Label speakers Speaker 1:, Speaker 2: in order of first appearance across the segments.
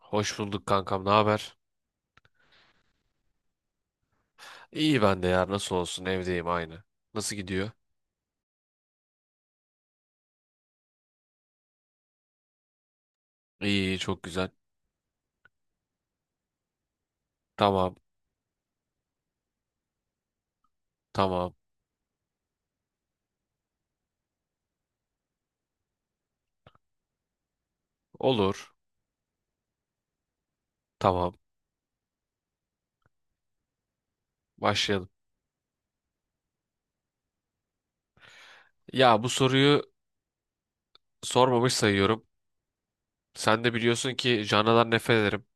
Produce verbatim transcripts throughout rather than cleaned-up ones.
Speaker 1: Hoş bulduk kankam, ne haber? İyi ben de ya, nasıl olsun evdeyim aynı. Nasıl gidiyor? İyi, iyi, çok güzel. Tamam, tamam. Olur. Tamam, başlayalım. Ya bu soruyu sormamış sayıyorum. Sen de biliyorsun ki canlıdan nefret ederim.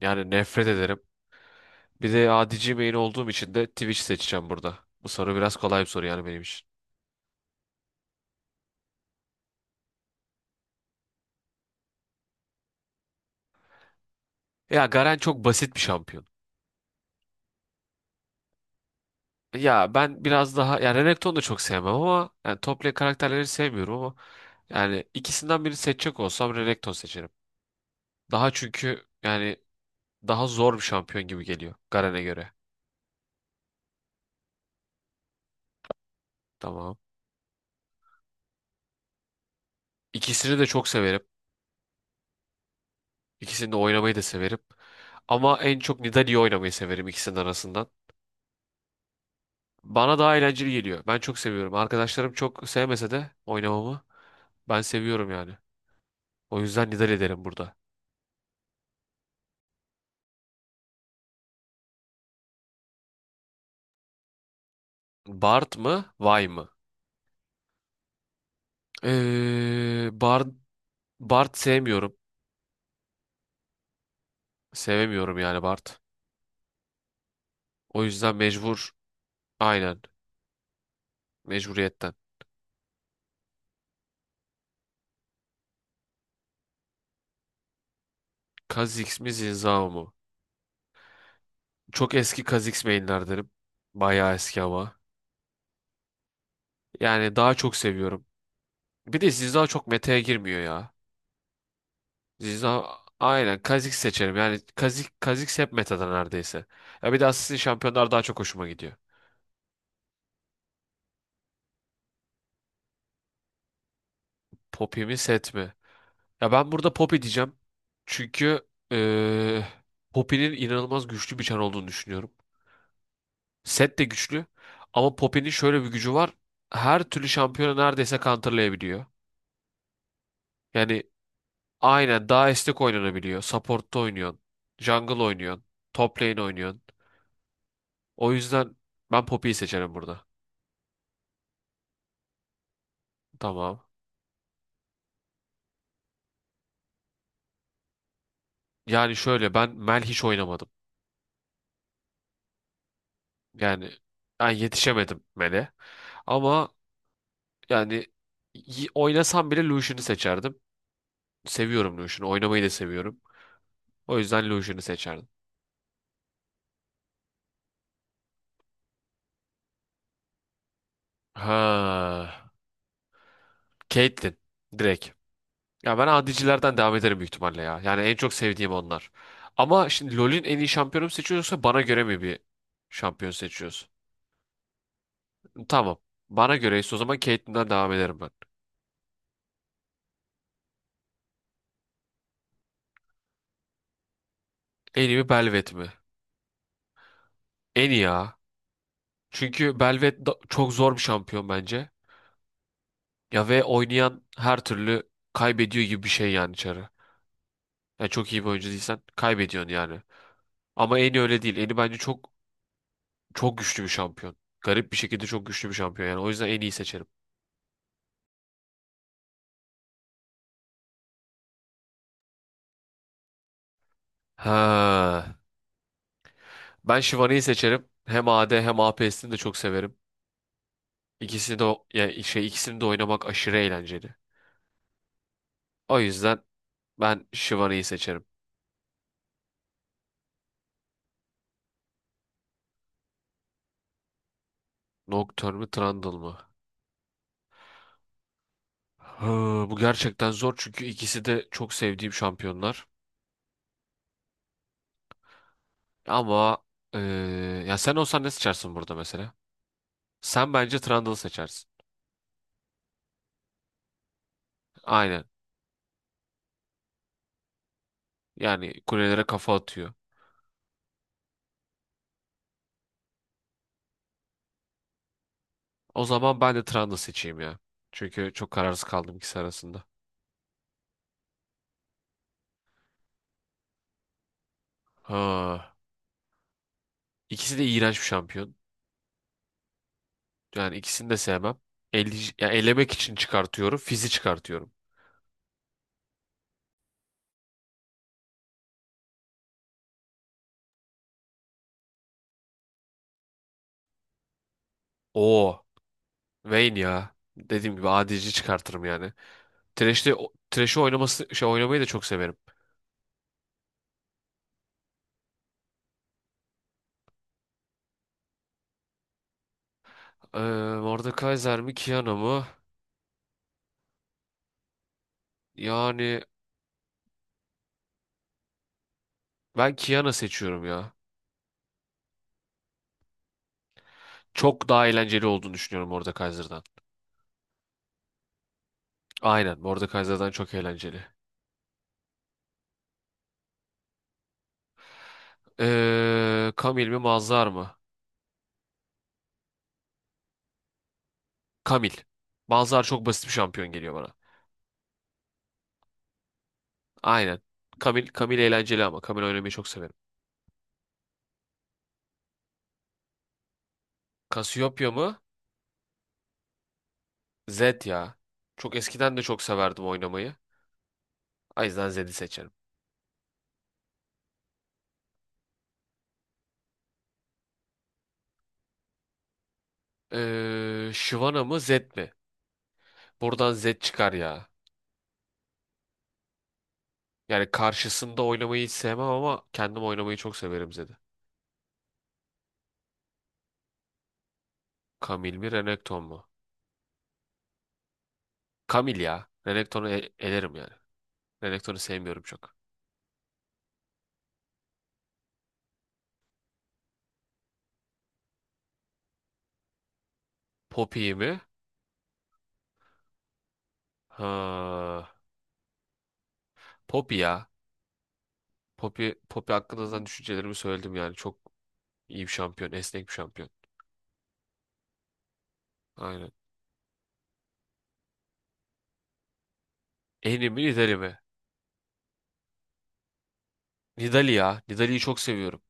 Speaker 1: Yani nefret ederim. Bir de adici main olduğum için de Twitch seçeceğim burada. Bu soru biraz kolay bir soru yani benim için. Ya Garen çok basit bir şampiyon. Ya ben biraz daha ya Renekton'u da çok sevmem ama yani Topley karakterleri sevmiyorum ama yani ikisinden biri seçecek olsam Renekton seçerim. Daha çünkü yani daha zor bir şampiyon gibi geliyor Garen'e göre. Tamam. İkisini de çok severim. İkisini de oynamayı da severim. Ama en çok Nidalee'yi oynamayı severim ikisinin arasından. Bana daha eğlenceli geliyor. Ben çok seviyorum. Arkadaşlarım çok sevmese de oynamamı ben seviyorum yani. O yüzden Nidalee derim burada. Bard mı? Vay mı? Ee, Bard Bart sevmiyorum. Sevemiyorum yani Bart. O yüzden mecbur. Aynen. Mecburiyetten. Kha'Zix mi Zinzao mu? Çok eski Kha'Zix mainlerdenim. Bayağı eski ama. Yani daha çok seviyorum. Bir de Zinzao çok meta'ya girmiyor ya. Zinzao aynen Kha'Zix seçerim. Yani Kha'Zix, Kha'Zix hep meta'da neredeyse. Ya bir de Assassin Şampiyonlar daha çok hoşuma gidiyor. Poppy mi Set mi? Ya ben burada Poppy diyeceğim. Çünkü eee Poppy'nin inanılmaz güçlü bir çar olduğunu düşünüyorum. Set de güçlü. Ama Poppy'nin şöyle bir gücü var. Her türlü şampiyonu neredeyse counterlayabiliyor. Yani aynen daha esnek oynanabiliyor. Support'ta oynuyorsun. Jungle oynuyorsun. Top lane oynuyorsun. O yüzden ben Poppy'yi seçerim burada. Tamam. Yani şöyle ben Mel hiç oynamadım. Yani ben yetişemedim Mel'e. Ama yani y- Oynasam bile Lucian'ı seçerdim. Seviyorum Lucian'ı. Oynamayı da seviyorum. O yüzden Lucian'ı seçerdim. Ha, Caitlyn direkt. Ya ben adicilerden devam ederim büyük ihtimalle ya. Yani en çok sevdiğim onlar. Ama şimdi LoL'ün en iyi şampiyonu mu seçiyorsa bana göre mi bir şampiyon seçiyoruz? Tamam. Bana göreyse o zaman Caitlyn'den devam ederim ben. En iyi mi Belvet mi? En iyi ya. Çünkü Belvet da- çok zor bir şampiyon bence. Ya ve oynayan her türlü kaybediyor gibi bir şey yani içeri. Yani çok iyi bir oyuncu değilsen kaybediyorsun yani. Ama en iyi öyle değil. En iyi bence çok çok güçlü bir şampiyon. Garip bir şekilde çok güçlü bir şampiyon yani. O yüzden en iyi seçerim. Ha. Ben Shivani'yi seçerim. Hem A D hem A P S'ini de çok severim. İkisini de o- ya şey ikisini de oynamak aşırı eğlenceli. O yüzden ben Shivani'yi seçerim. Nocturne mı Trundle mı? Hı, bu gerçekten zor çünkü ikisi de çok sevdiğim şampiyonlar. Ama eee, Ya sen olsan ne seçersin burada mesela? Sen bence Trundle seçersin. Aynen. Yani kulelere kafa atıyor. O zaman ben de Trundle seçeyim ya. Çünkü çok kararsız kaldım ikisi arasında. Ha, ikisi de iğrenç bir şampiyon. Yani ikisini de sevmem. Ele, yani elemek için çıkartıyorum. Fizi çıkartıyorum. Oo. Vayne ya. Dediğim gibi A D C çıkartırım yani. Thresh'te o- Thresh'i oynaması şey oynamayı da çok severim. Ee, Mordekaiser mi Kiana mı? Yani ben Kiana seçiyorum ya. Çok daha eğlenceli olduğunu düşünüyorum Mordekaiser'dan. Aynen Mordekaiser'dan çok eğlenceli. Ee, Camille mi Mazhar mı? Kamil. Bazılar çok basit bir şampiyon geliyor bana. Aynen. Kamil, Kamil eğlenceli ama. Kamil oynamayı çok severim. Cassiopeia mı? Zed ya. Çok eskiden de çok severdim oynamayı. O yüzden Zed'i seçerim. Ee, Shyvana mı Zed mi? Buradan Zed çıkar ya. Yani karşısında oynamayı hiç sevmem ama kendim oynamayı çok severim Zed'i. Kamil mi Renekton mu? Kamil ya. Renekton'u e- elerim yani. Renekton'u sevmiyorum çok. Poppy mi? Ha, Poppy ya. Poppy, Poppy hakkında zaten düşüncelerimi söyledim yani. Çok iyi bir şampiyon. Esnek bir şampiyon. Aynen. En mi Nidali mi? Nidali ya. Nidali'yi çok seviyorum.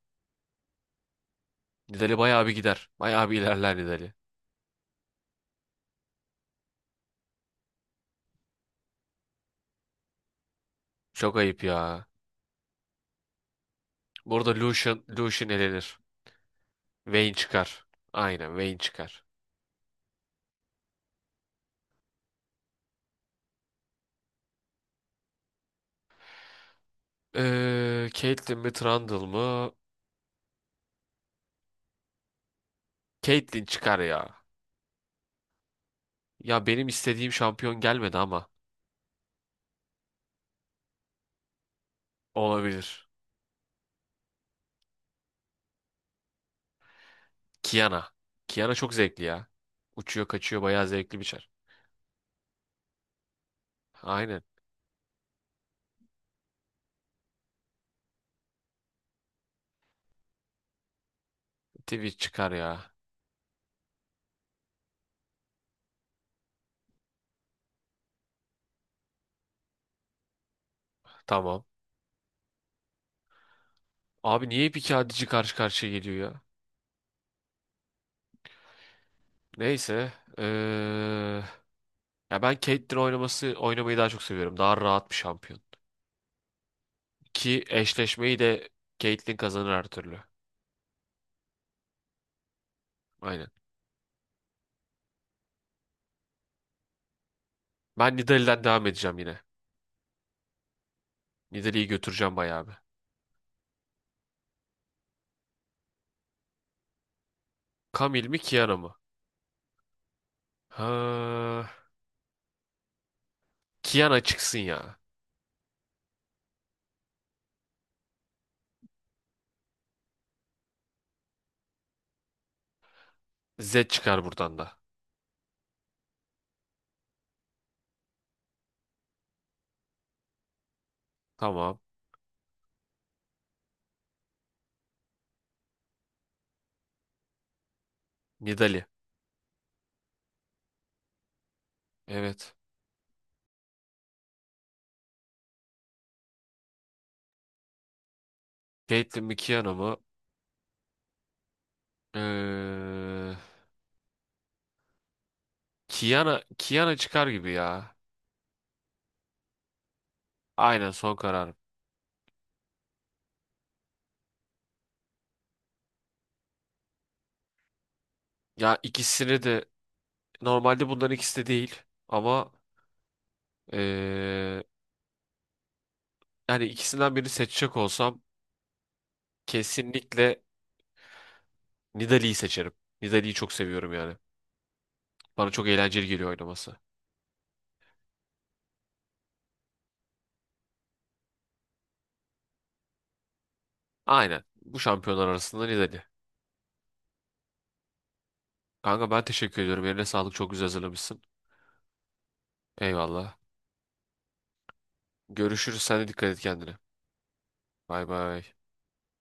Speaker 1: Nidali bayağı bir gider. Bayağı bir ilerler Nidali. Çok ayıp ya. Burada Lucian, Lucian elenir. Vayne çıkar. Aynen Vayne çıkar. Ee, Caitlyn mi Trundle mı? Caitlyn çıkar ya. Ya benim istediğim şampiyon gelmedi ama. Olabilir. Kiana. Kiana çok zevkli ya. Uçuyor kaçıyor bayağı zevkli bir çar. Aynen. Twitch çıkar ya. Tamam. Abi niye hep iki adici karşı karşıya geliyor ya? Neyse. eee, Ya ben Caitlyn oynaması oynamayı daha çok seviyorum. Daha rahat bir şampiyon. Ki eşleşmeyi de Caitlyn kazanır her türlü. Aynen. Ben Nidalee'den devam edeceğim yine. Nidalee'yi götüreceğim bayağı bir. Camille mi Kiana mı? Ha, Kiana çıksın ya. Zed çıkar buradan da. Tamam. Nidalee. Evet. Caitlyn mi Kiana mı? Eee Kiana, Kiana çıkar gibi ya. Aynen son karar. Ya ikisini de normalde bunların ikisi de değil ama eee, yani ikisinden birini seçecek olsam kesinlikle Nidalee'yi seçerim. Nidalee'yi çok seviyorum yani. Bana çok eğlenceli geliyor oynaması. Aynen. Bu şampiyonlar arasında Nidalee. Kanka ben teşekkür ediyorum. Eline sağlık. Çok güzel hazırlamışsın. Eyvallah. Görüşürüz. Sen de dikkat et kendine. Bay bay.